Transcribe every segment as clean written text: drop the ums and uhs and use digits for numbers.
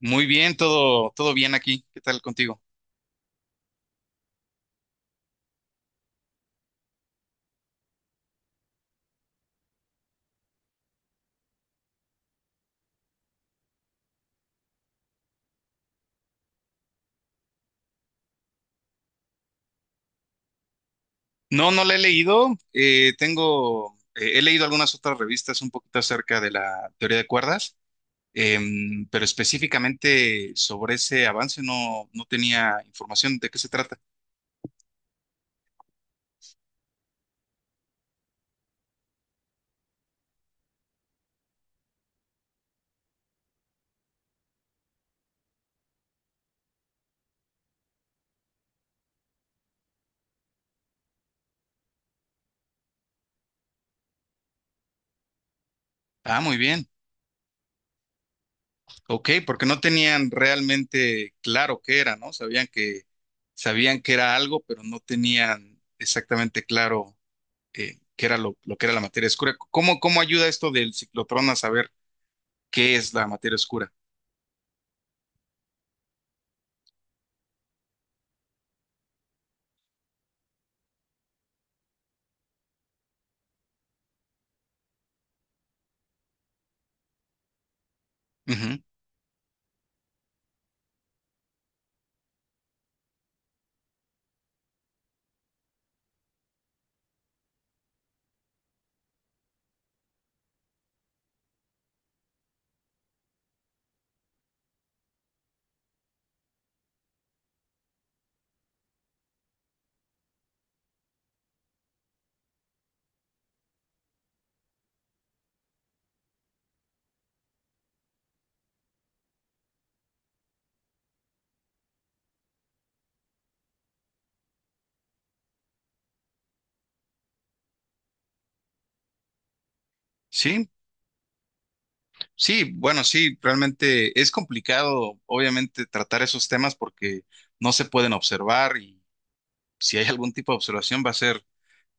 Muy bien, todo bien aquí. ¿Qué tal contigo? No, no la he leído. Tengo, he leído algunas otras revistas un poquito acerca de la teoría de cuerdas, pero específicamente sobre ese avance no, no tenía información de qué se trata. Ah, muy bien. Ok, porque no tenían realmente claro qué era, ¿no? Sabían que era algo, pero no tenían exactamente claro qué era lo que era la materia oscura. ¿Cómo, cómo ayuda esto del ciclotrón a saber qué es la materia oscura? Ujú. Sí, sí, bueno, sí, realmente es complicado, obviamente, tratar esos temas porque no se pueden observar, y si hay algún tipo de observación va a ser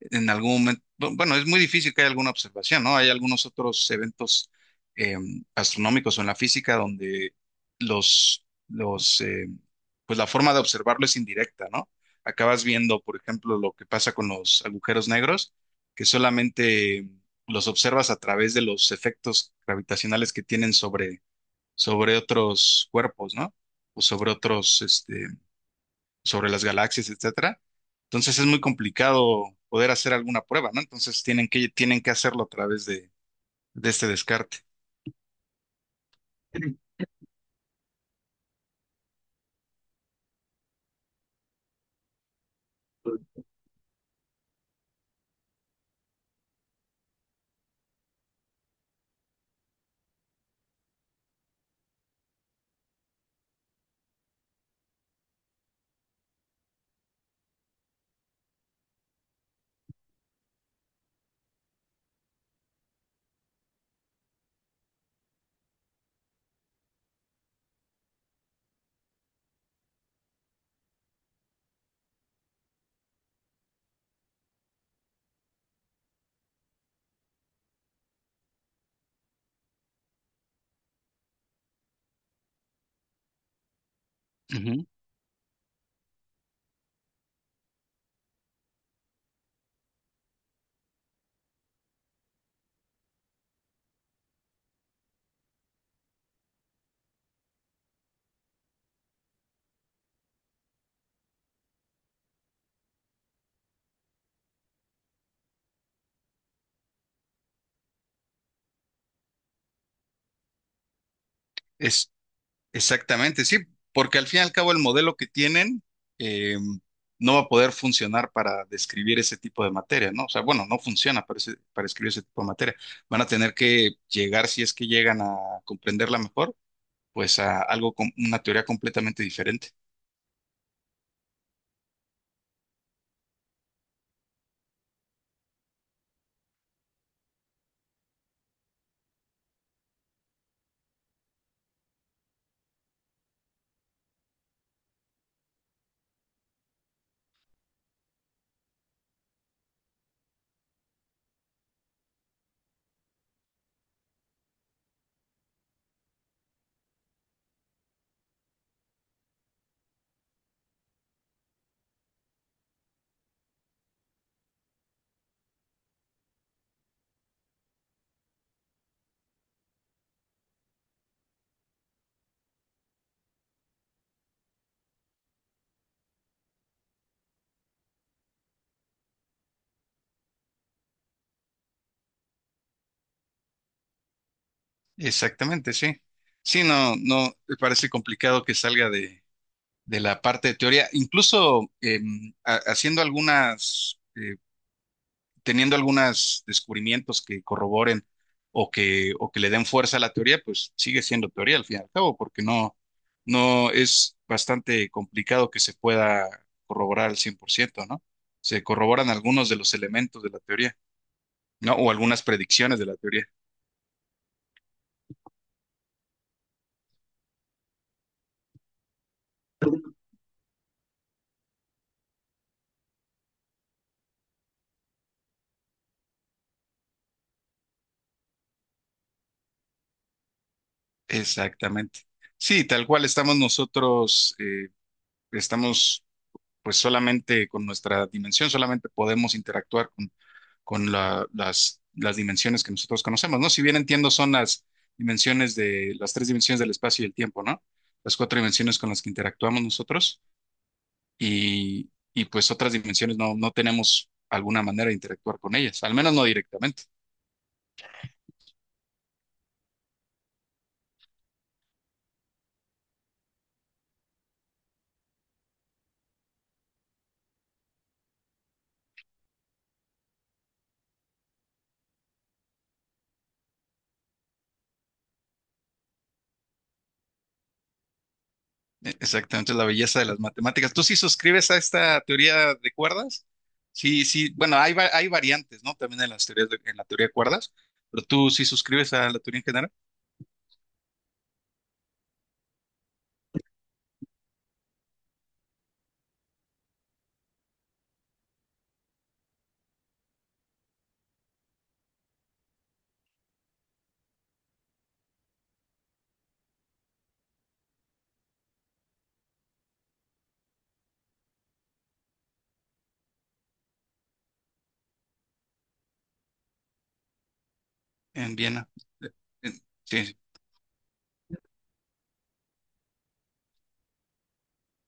en algún momento. Bueno, es muy difícil que haya alguna observación, ¿no? Hay algunos otros eventos eh, astronómicos o en la física donde los, los, eh, pues la forma de observarlo es indirecta, ¿no? Acabas viendo, por ejemplo, lo que pasa con los agujeros negros, que solamente los observas a través de los efectos gravitacionales que tienen sobre otros cuerpos, ¿no? O sobre otros, este, sobre las galaxias, etcétera. Entonces es muy complicado poder hacer alguna prueba, ¿no? Entonces tienen que hacerlo a través de este descarte. Ujú. Es exactamente, sí, porque al fin y al cabo el modelo que tienen eh, no va a poder funcionar para describir ese tipo de materia, ¿no? O sea, bueno, no funciona para, para escribir ese tipo de materia. Van a tener que llegar, si es que llegan a comprenderla mejor, pues a algo con una teoría completamente diferente. Exactamente, sí. Sí, no, no, me parece complicado que salga de la parte de teoría. Incluso haciendo algunas, teniendo algunos descubrimientos que corroboren o que le den fuerza a la teoría, pues sigue siendo teoría al fin y al cabo, porque no, no es bastante complicado que se pueda corroborar al 100%, ¿no? Se corroboran algunos de los elementos de la teoría, ¿no? O algunas predicciones de la teoría. Exactamente. Sí, tal cual estamos nosotros, estamos pues solamente con nuestra dimensión, solamente podemos interactuar con las dimensiones que nosotros conocemos, ¿no? Si bien entiendo son las dimensiones de las tres dimensiones del espacio y el tiempo, ¿no? Las cuatro dimensiones con las que interactuamos nosotros y pues otras dimensiones no, no tenemos alguna manera de interactuar con ellas, al menos no directamente. E- exactamente, la belleza de las matemáticas. ¿Tú sí suscribes a esta teoría de cuerdas? Sí, sí, bueno, hay variantes, ¿no? También en en la teoría de cuerdas, pero tú sí suscribes a la teoría en general en Viena. De- sí, sí.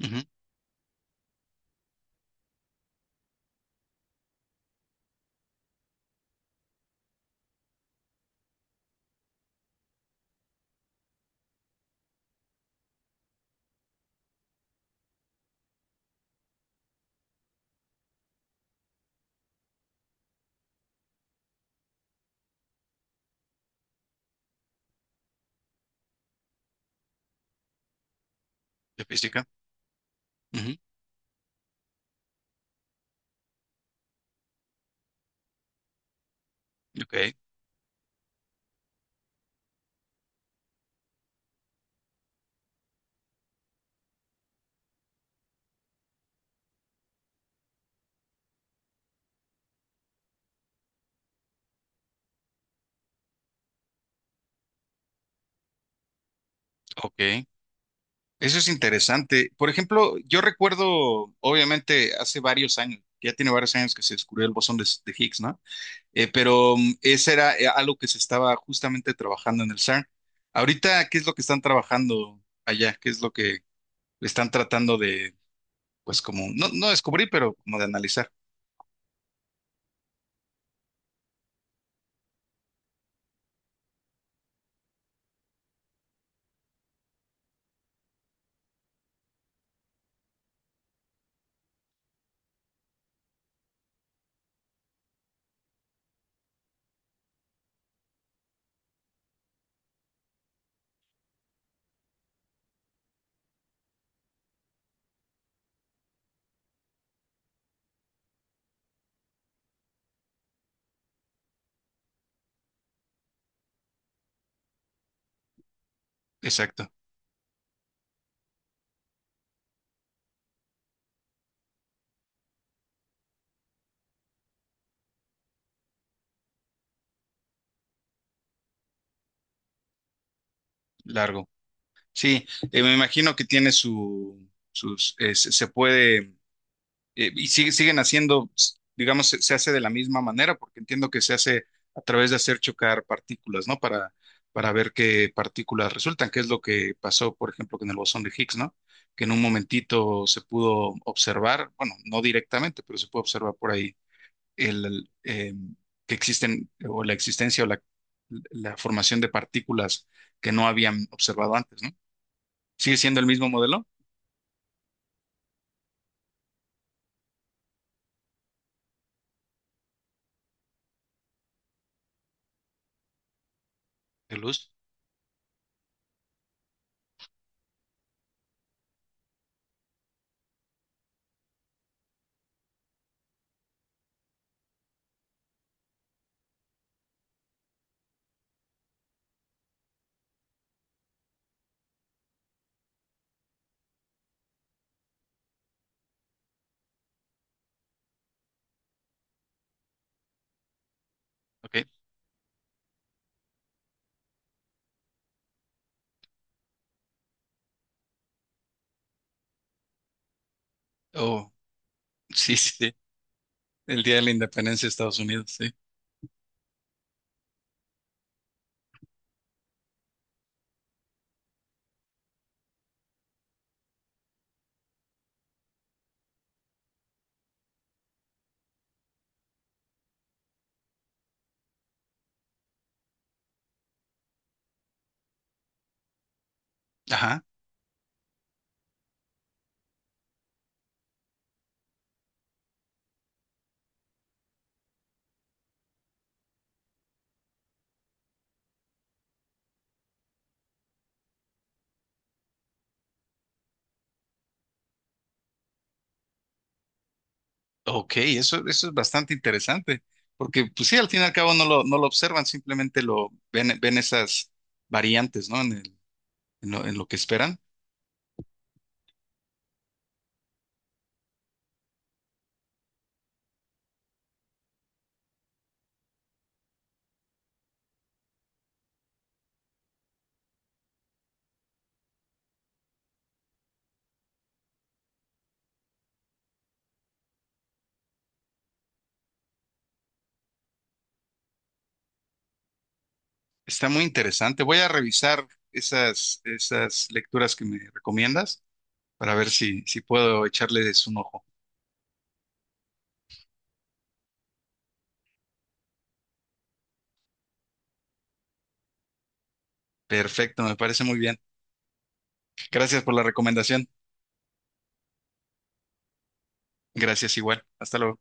Ujú. De física. Ujú. Ok, ok. Eso es interesante. Por ejemplo, yo recuerdo, obviamente, hace varios años, ya tiene varios años que se descubrió el bosón de Higgs, ¿no? Pero ese era algo que se estaba justamente trabajando en el CERN. Ahorita, ¿qué es lo que están trabajando allá? ¿Qué es lo que están tratando de, pues como, no, no descubrir, pero como de analizar? Exacto, largo. Sí, me imagino que tiene su, sus, se se puede siguen haciendo, digamos, se hace de la misma manera, porque entiendo que se hace a través de hacer chocar partículas, ¿no? Para ver qué partículas resultan, que es lo que pasó, por ejemplo, con el bosón de Higgs, ¿no? Que en un momentito se pudo observar, bueno, no directamente, pero se puede observar por ahí el, el, eh, que existen, o la existencia la formación de partículas que no habían observado antes, ¿no? Sigue siendo el mismo modelo de luz, ¿ok? Oh, sí, sí, el Día de la Independencia de Estados Unidos, sí. Ajá. Ok, eso es bastante interesante, porque pues sí, al fin y al cabo no lo observan, simplemente lo ven, ven esas variantes, ¿no? En lo que esperan. Está muy interesante. Voy a revisar esas lecturas que me recomiendas para ver si, si puedo echarles un ojo. Perfecto, me parece muy bien. Gracias por la recomendación. Gracias igual. Hasta luego.